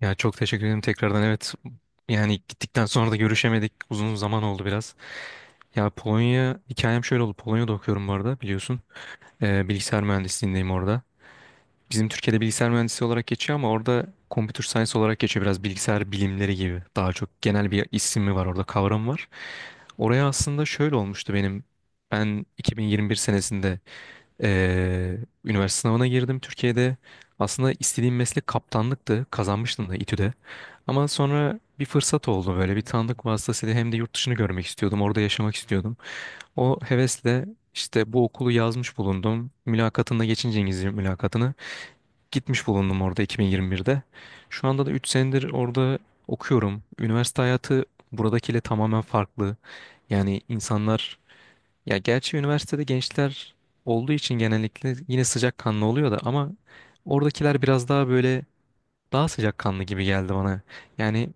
Ya çok teşekkür ederim tekrardan. Evet, yani gittikten sonra da görüşemedik. Uzun zaman oldu biraz. Ya, Polonya hikayem şöyle oldu. Polonya'da okuyorum bu arada, biliyorsun. Bilgisayar mühendisliğindeyim orada. Bizim Türkiye'de bilgisayar mühendisi olarak geçiyor ama orada computer science olarak geçiyor. Biraz bilgisayar bilimleri gibi. Daha çok genel bir ismi var orada, kavram var. Oraya aslında şöyle olmuştu benim. Ben 2021 senesinde ee, üniversite sınavına girdim Türkiye'de. Aslında istediğim meslek kaptanlıktı. Kazanmıştım da İTÜ'de. Ama sonra bir fırsat oldu, böyle bir tanıdık vasıtasıyla, hem de yurt dışını görmek istiyordum. Orada yaşamak istiyordum. O hevesle işte bu okulu yazmış bulundum. Mülakatında geçince, İngilizce mülakatını, gitmiş bulundum orada 2021'de. Şu anda da 3 senedir orada okuyorum. Üniversite hayatı buradakiyle tamamen farklı. Yani insanlar, ya gerçi üniversitede gençler olduğu için genellikle yine sıcakkanlı oluyor da, ama oradakiler biraz daha böyle, daha sıcakkanlı gibi geldi bana. Yani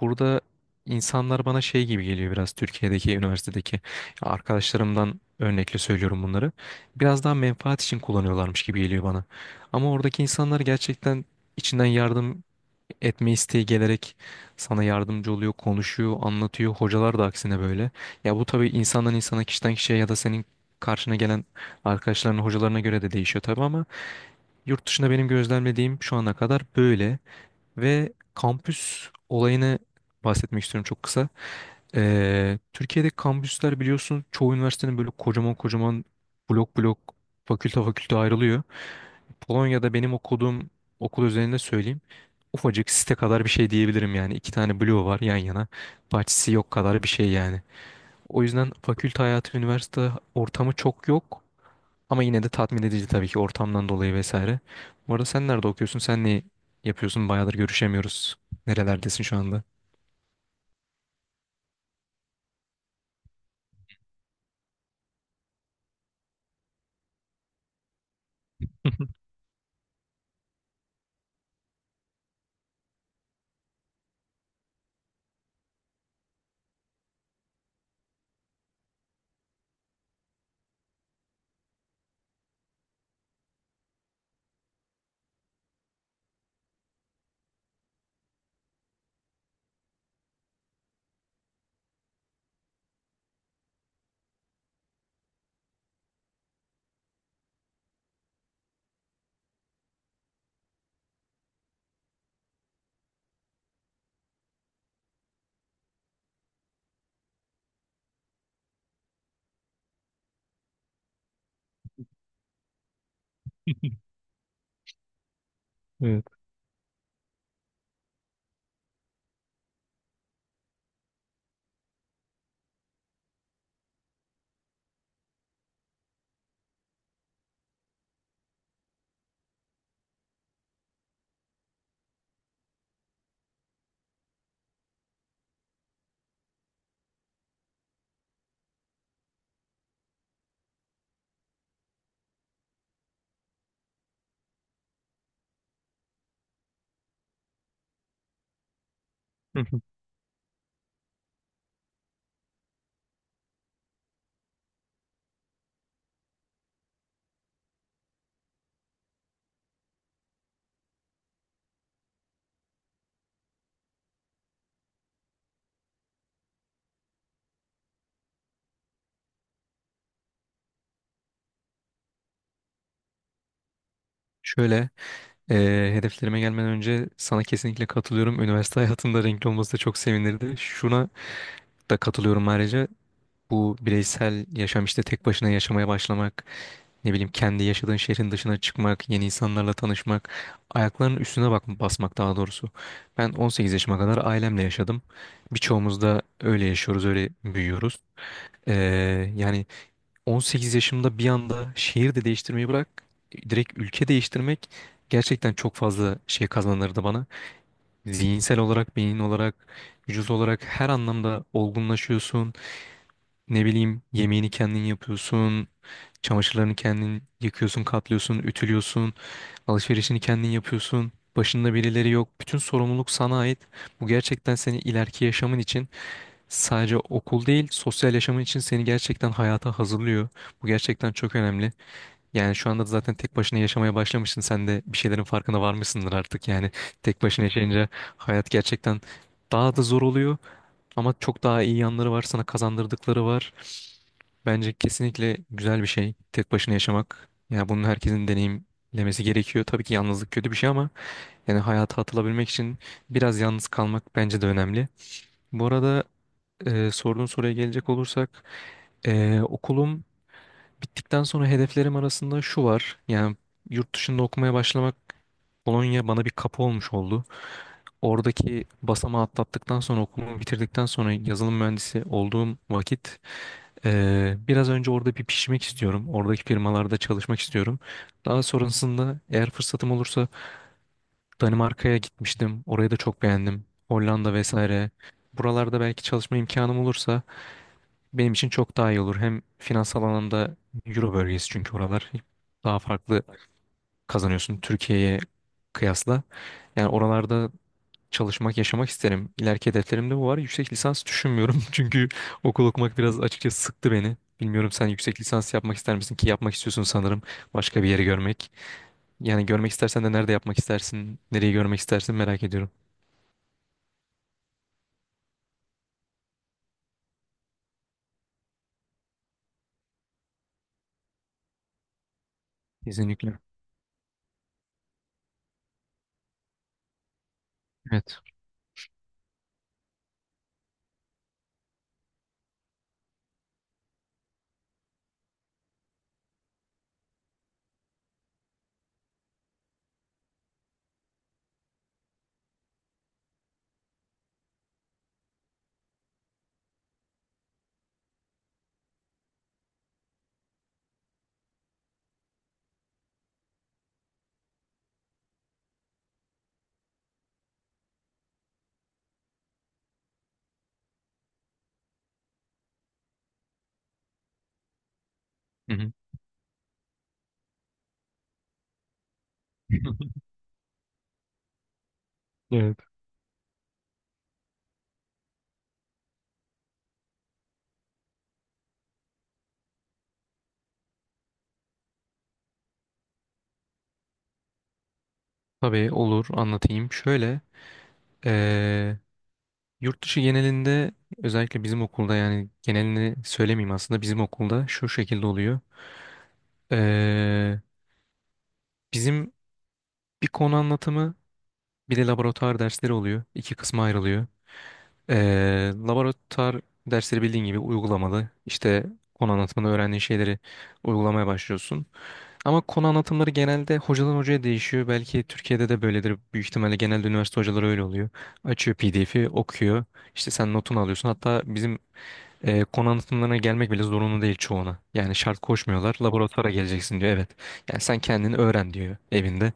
burada insanlar bana şey gibi geliyor, biraz Türkiye'deki üniversitedeki, ya arkadaşlarımdan örnekle söylüyorum bunları. Biraz daha menfaat için kullanıyorlarmış gibi geliyor bana. Ama oradaki insanlar gerçekten içinden yardım etme isteği gelerek sana yardımcı oluyor, konuşuyor, anlatıyor. Hocalar da aksine böyle. Ya bu tabii insandan insana, kişiden kişiye, ya da senin karşına gelen arkadaşların, hocalarına göre de değişiyor tabii, ama yurt dışında benim gözlemlediğim şu ana kadar böyle. Ve kampüs olayını bahsetmek istiyorum çok kısa. Türkiye'deki kampüsler biliyorsun, çoğu üniversitenin böyle kocaman kocaman, blok blok, fakülte fakülte ayrılıyor. Polonya'da benim okuduğum okul özelinde söyleyeyim. Ufacık site kadar bir şey diyebilirim yani. İki tane bloğu var yan yana. Bahçesi yok kadar bir şey yani. O yüzden fakülte hayatı, üniversite ortamı çok yok. Ama yine de tatmin edici tabii ki, ortamdan dolayı vesaire. Bu arada sen nerede okuyorsun? Sen ne yapıyorsun? Bayağıdır görüşemiyoruz. Nerelerdesin şu anda? Evet. Şöyle. Hedeflerime gelmeden önce sana kesinlikle katılıyorum. Üniversite hayatında renkli olması da çok sevinirdi. Şuna da katılıyorum ayrıca. Bu bireysel yaşam, işte tek başına yaşamaya başlamak, ne bileyim kendi yaşadığın şehrin dışına çıkmak, yeni insanlarla tanışmak, ayaklarının üstüne bak basmak daha doğrusu. Ben 18 yaşıma kadar ailemle yaşadım. Birçoğumuz da öyle yaşıyoruz, öyle büyüyoruz. Yani 18 yaşımda bir anda şehir de değiştirmeyi bırak, direkt ülke değiştirmek gerçekten çok fazla şey kazandırdı bana. Zihinsel olarak, beyin olarak, vücut olarak her anlamda olgunlaşıyorsun. Ne bileyim, yemeğini kendin yapıyorsun. Çamaşırlarını kendin yıkıyorsun, katlıyorsun, ütülüyorsun. Alışverişini kendin yapıyorsun. Başında birileri yok. Bütün sorumluluk sana ait. Bu gerçekten seni ileriki yaşamın için, sadece okul değil, sosyal yaşamın için seni gerçekten hayata hazırlıyor. Bu gerçekten çok önemli. Yani şu anda da zaten tek başına yaşamaya başlamışsın. Sen de bir şeylerin farkına varmışsındır artık. Yani tek başına yaşayınca hayat gerçekten daha da zor oluyor. Ama çok daha iyi yanları var. Sana kazandırdıkları var. Bence kesinlikle güzel bir şey tek başına yaşamak. Yani bunun herkesin deneyimlemesi gerekiyor. Tabii ki yalnızlık kötü bir şey, ama yani hayata atılabilmek için biraz yalnız kalmak bence de önemli. Bu arada sorduğun soruya gelecek olursak okulum bittikten sonra hedeflerim arasında şu var. Yani yurt dışında okumaya başlamak, Polonya bana bir kapı olmuş oldu. Oradaki basamağı atlattıktan sonra, okulumu bitirdikten sonra, yazılım mühendisi olduğum vakit biraz önce orada bir pişmek istiyorum. Oradaki firmalarda çalışmak istiyorum. Daha sonrasında eğer fırsatım olursa, Danimarka'ya gitmiştim, orayı da çok beğendim, Hollanda vesaire. Buralarda belki çalışma imkanım olursa benim için çok daha iyi olur. Hem finansal anlamda Euro bölgesi çünkü oralar, daha farklı kazanıyorsun Türkiye'ye kıyasla. Yani oralarda çalışmak, yaşamak isterim. İleriki hedeflerimde bu var. Yüksek lisans düşünmüyorum çünkü okul okumak biraz açıkçası sıktı beni. Bilmiyorum sen yüksek lisans yapmak ister misin, ki yapmak istiyorsun sanırım, başka bir yeri görmek. Yani görmek istersen de nerede yapmak istersin, nereyi görmek istersin merak ediyorum. Kesinlikle. Evet. Hı hı. Evet. Tabii, olur, anlatayım. Şöyle, eee, yurt dışı genelinde, özellikle bizim okulda, yani genelini söylemeyeyim, aslında bizim okulda şu şekilde oluyor. Ee, bizim bir konu anlatımı, bir de laboratuvar dersleri oluyor. İki kısma ayrılıyor. Laboratuvar dersleri bildiğin gibi uygulamalı. İşte konu anlatımında öğrendiğin şeyleri uygulamaya başlıyorsun. Ama konu anlatımları genelde hocadan hocaya değişiyor. Belki Türkiye'de de böyledir. Büyük ihtimalle genelde üniversite hocaları öyle oluyor. Açıyor PDF'i, okuyor. İşte sen notunu alıyorsun. Hatta bizim konu anlatımlarına gelmek bile zorunlu değil çoğuna. Yani şart koşmuyorlar. Laboratuvara geleceksin diyor. Evet. Yani sen kendini öğren diyor evinde.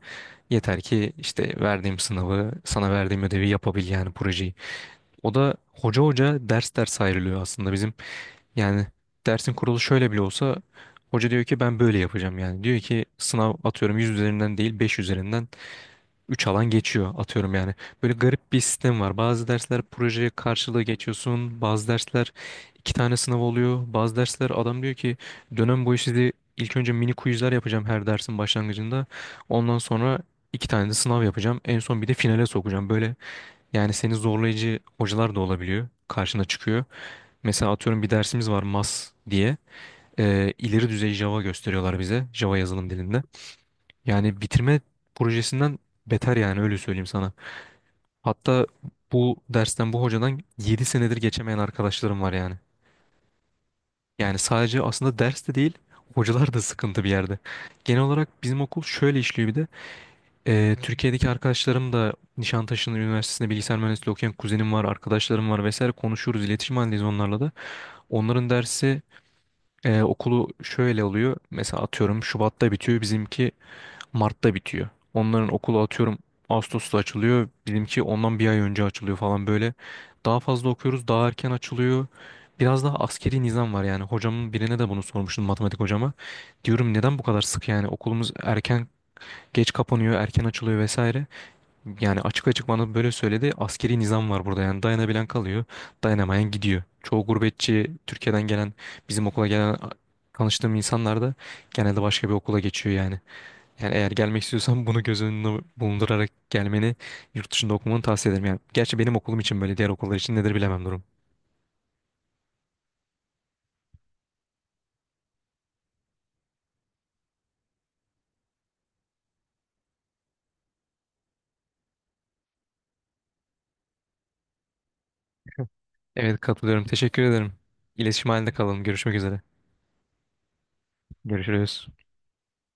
Yeter ki işte verdiğim sınavı, sana verdiğim ödevi yapabil, yani projeyi. O da hoca hoca, ders ders ayrılıyor aslında bizim. Yani dersin kurulu şöyle bile olsa, hoca diyor ki ben böyle yapacağım yani. Diyor ki sınav atıyorum 100 üzerinden değil 5 üzerinden, üç alan geçiyor atıyorum yani. Böyle garip bir sistem var. Bazı dersler proje karşılığı geçiyorsun. Bazı dersler iki tane sınav oluyor. Bazı dersler adam diyor ki dönem boyu sizi, ilk önce mini quizler yapacağım her dersin başlangıcında. Ondan sonra iki tane de sınav yapacağım. En son bir de finale sokacağım. Böyle, yani seni zorlayıcı hocalar da olabiliyor. Karşına çıkıyor. Mesela atıyorum bir dersimiz var MAS diye. İleri düzey Java gösteriyorlar bize. Java yazılım dilinde. Yani bitirme projesinden beter, yani öyle söyleyeyim sana. Hatta bu dersten bu hocadan 7 senedir geçemeyen arkadaşlarım var yani. Yani sadece aslında ders de değil, hocalar da sıkıntı bir yerde. Genel olarak bizim okul şöyle işliyor bir de. Türkiye'deki arkadaşlarım da, Nişantaşı'nın üniversitesinde bilgisayar mühendisliği okuyan kuzenim var, arkadaşlarım var vesaire, konuşuyoruz, iletişim halindeyiz onlarla da. Onların dersi okulu şöyle oluyor. Mesela atıyorum Şubat'ta bitiyor bizimki, Mart'ta bitiyor. Onların okulu atıyorum Ağustos'ta açılıyor. Bizimki ondan bir ay önce açılıyor falan böyle. Daha fazla okuyoruz, daha erken açılıyor. Biraz daha askeri nizam var yani. Hocamın birine de bunu sormuştum, matematik hocama. Diyorum neden bu kadar sık, yani okulumuz erken geç kapanıyor, erken açılıyor vesaire. Yani açık açık bana böyle söyledi. Askeri nizam var burada, yani dayanabilen kalıyor, dayanamayan gidiyor. Çoğu gurbetçi Türkiye'den gelen, bizim okula gelen, tanıştığım insanlar da genelde başka bir okula geçiyor yani. Yani eğer gelmek istiyorsan bunu göz önüne bulundurarak gelmeni, yurt dışında okumanı tavsiye ederim. Yani gerçi benim okulum için böyle, diğer okullar için nedir bilemem durum. Evet, katılıyorum. Teşekkür ederim. İletişim halinde kalalım. Görüşmek üzere. Görüşürüz.